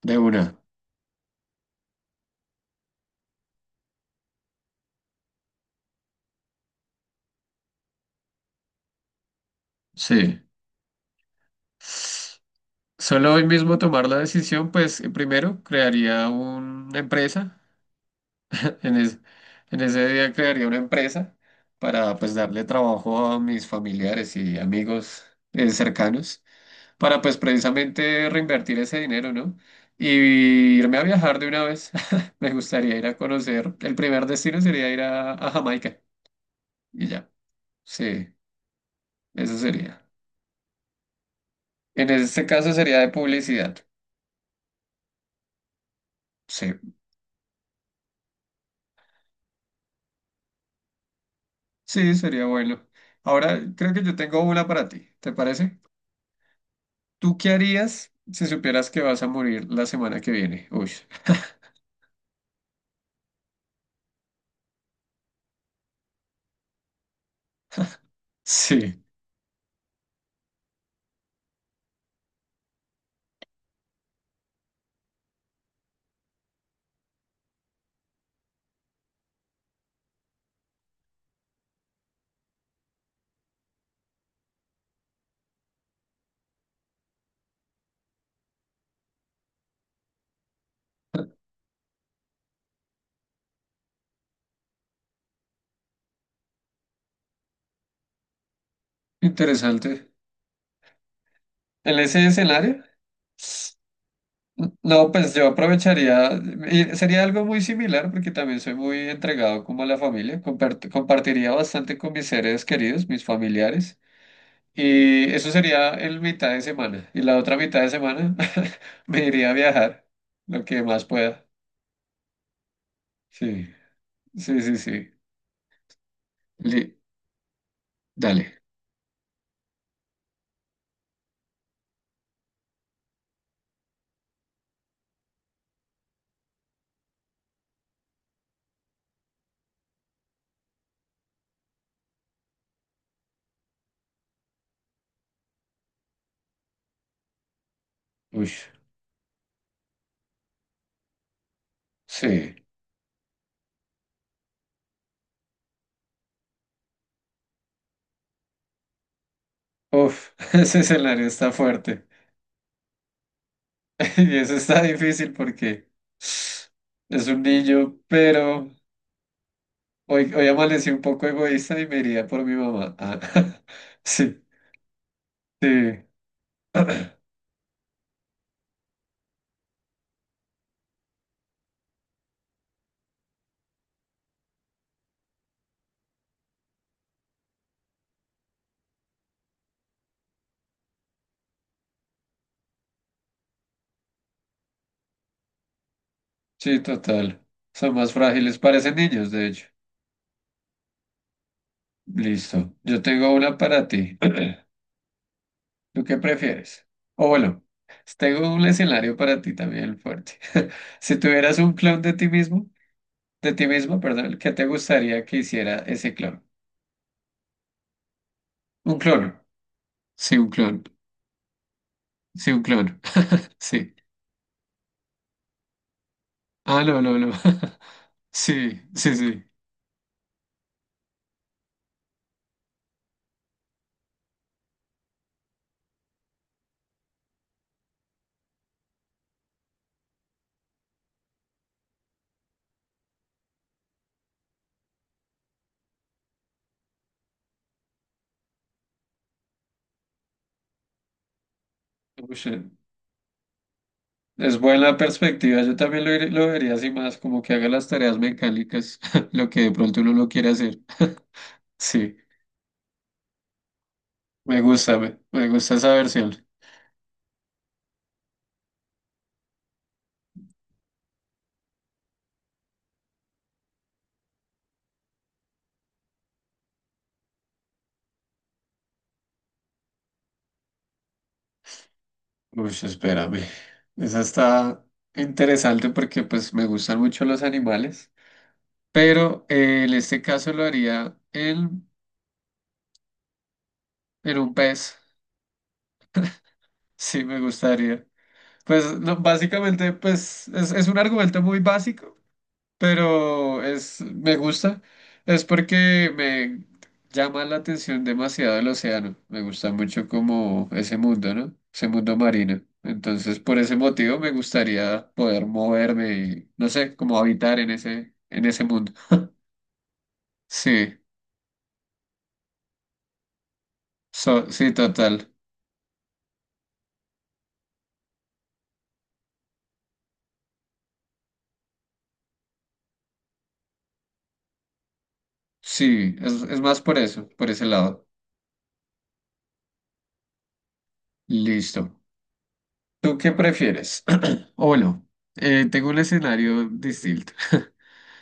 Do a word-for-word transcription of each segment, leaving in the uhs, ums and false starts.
De una, sí. Solo hoy mismo tomar la decisión, pues eh, primero crearía una empresa, en, es- en ese día crearía una empresa para pues darle trabajo a mis familiares y amigos eh, cercanos, para pues precisamente reinvertir ese dinero, ¿no? Y irme a viajar de una vez. Me gustaría ir a conocer, el primer destino sería ir a, a Jamaica y ya, sí, eso sería. En este caso sería de publicidad, sí. Sí, sería bueno. Ahora creo que yo tengo una para ti, ¿te parece? ¿Tú qué harías si supieras que vas a morir la semana que viene? Uy, sí, interesante. En ese escenario, no, pues yo aprovecharía, y sería algo muy similar porque también soy muy entregado como a la familia, compart- compartiría bastante con mis seres queridos, mis familiares, y eso sería en mitad de semana. Y la otra mitad de semana me iría a viajar, lo que más pueda. Sí. Sí, sí, sí. Li- dale. Uy, sí. Uf, ese escenario está fuerte. Y eso está difícil porque es un niño, pero hoy, hoy amanecí un poco egoísta y me iría por mi mamá. Ah, sí, sí. Sí, total. Son más frágiles, parecen niños, de hecho. Listo. Yo tengo una para ti. ¿Tú qué prefieres? O bueno, tengo un escenario para ti también fuerte. Si tuvieras un clon de ti mismo, de ti mismo, perdón, ¿qué te gustaría que hiciera ese clon? Un clon. Sí, un clon. Sí, un clon. Sí. Ah, no, no, no. Sí, sí, sí. Ush, es buena perspectiva. Yo también lo, ir- lo vería así más, como que haga las tareas mecánicas, lo que de pronto uno no quiere hacer. Sí, me gusta, me, me gusta esa versión. Uy, espérame. Esa está interesante porque pues me gustan mucho los animales, pero eh, en este caso lo haría en, en un pez. Sí, me gustaría. Pues lo- básicamente, pues es, es un argumento muy básico, pero es, me gusta. Es porque me llama la atención demasiado el océano. Me gusta mucho como ese mundo, ¿no? Ese mundo marino. Entonces, por ese motivo me gustaría poder moverme y, no sé, como habitar en ese, en ese mundo. Sí, so- sí, total. Sí, es, es más por eso, por ese lado. Listo. ¿Tú qué prefieres? O bueno, eh, tengo un escenario distinto.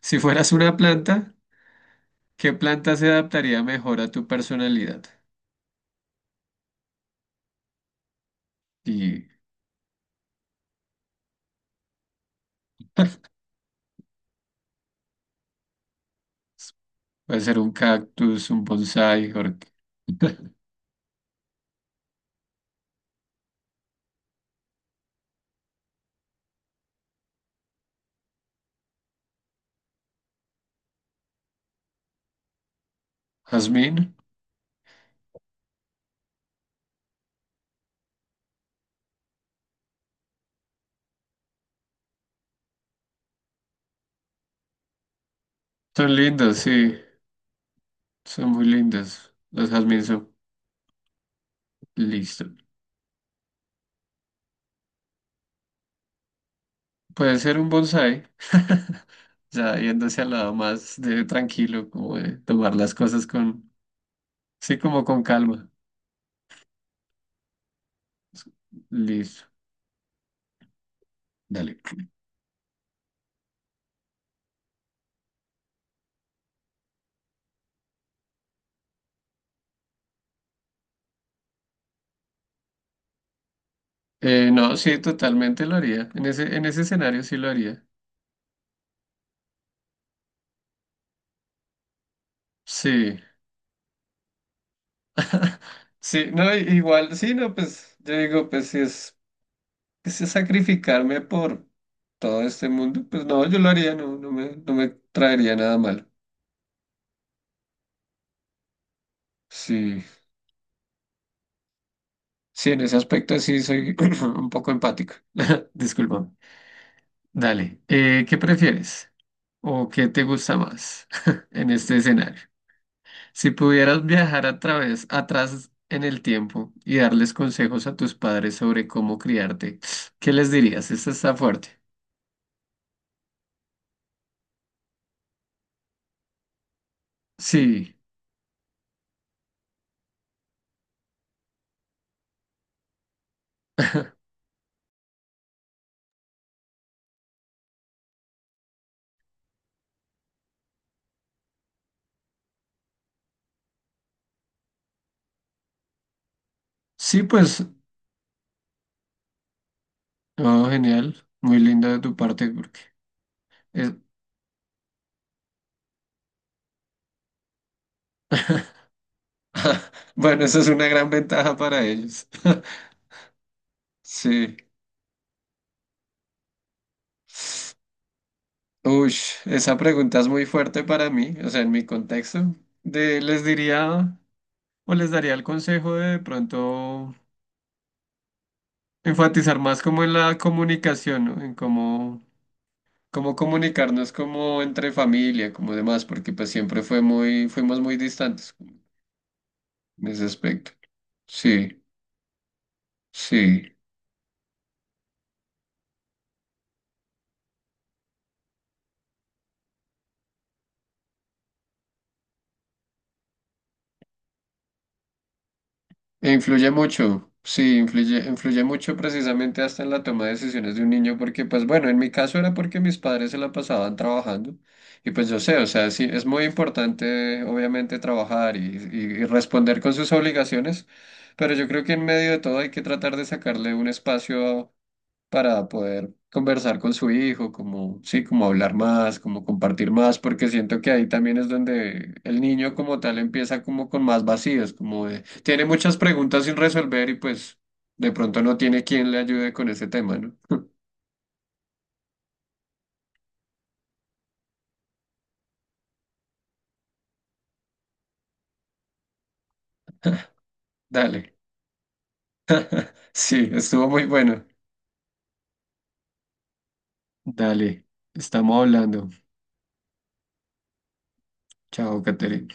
Si fueras una planta, ¿qué planta se adaptaría mejor a tu personalidad? Y puede ser un cactus, un bonsái, or- jazmín. Son lindos, sí, son muy lindos. Los jazmín son listos. Puede ser un bonsái, ya yéndose al lado más de tranquilo, como de tomar las cosas con, sí, como con calma. Listo, dale. Eh, no, sí, totalmente lo haría. En ese, en ese escenario sí lo haría. Sí. Sí, no, i- igual, sí, no, pues yo digo, pues si es, si es sacrificarme por todo este mundo, pues no, yo lo haría, no, no me, no me traería nada malo. Sí, sí, en ese aspecto sí soy un poco empático. Disculpa. Dale, eh, ¿qué prefieres? ¿O qué te gusta más en este escenario? Si pudieras viajar a través, atrás en el tiempo y darles consejos a tus padres sobre cómo criarte, ¿qué les dirías? Esta está fuerte. Sí, sí, pues, oh, genial, muy lindo de tu parte porque es- bueno, esa es una gran ventaja para ellos. Sí. Uy, esa pregunta es muy fuerte para mí, o sea, en mi contexto. De, les diría o les daría el consejo de, de pronto, enfatizar más como en la comunicación, ¿no? En cómo, cómo comunicarnos como entre familia, como demás, porque pues siempre fue muy, fuimos muy distantes en ese aspecto. Sí, sí. E influye mucho, sí, influye, influye mucho precisamente hasta en la toma de decisiones de un niño, porque pues bueno, en mi caso era porque mis padres se la pasaban trabajando y pues yo sé, o sea, sí, es muy importante obviamente trabajar y, y- y responder con sus obligaciones, pero yo creo que en medio de todo hay que tratar de sacarle un espacio para poder conversar con su hijo, como, sí, como hablar más, como compartir más, porque siento que ahí también es donde el niño como tal empieza como con más vacíos, como de, tiene muchas preguntas sin resolver y pues de pronto no tiene quien le ayude con ese tema, ¿no? Dale, sí, estuvo muy bueno. Dale, estamos hablando. Chao, Caterina.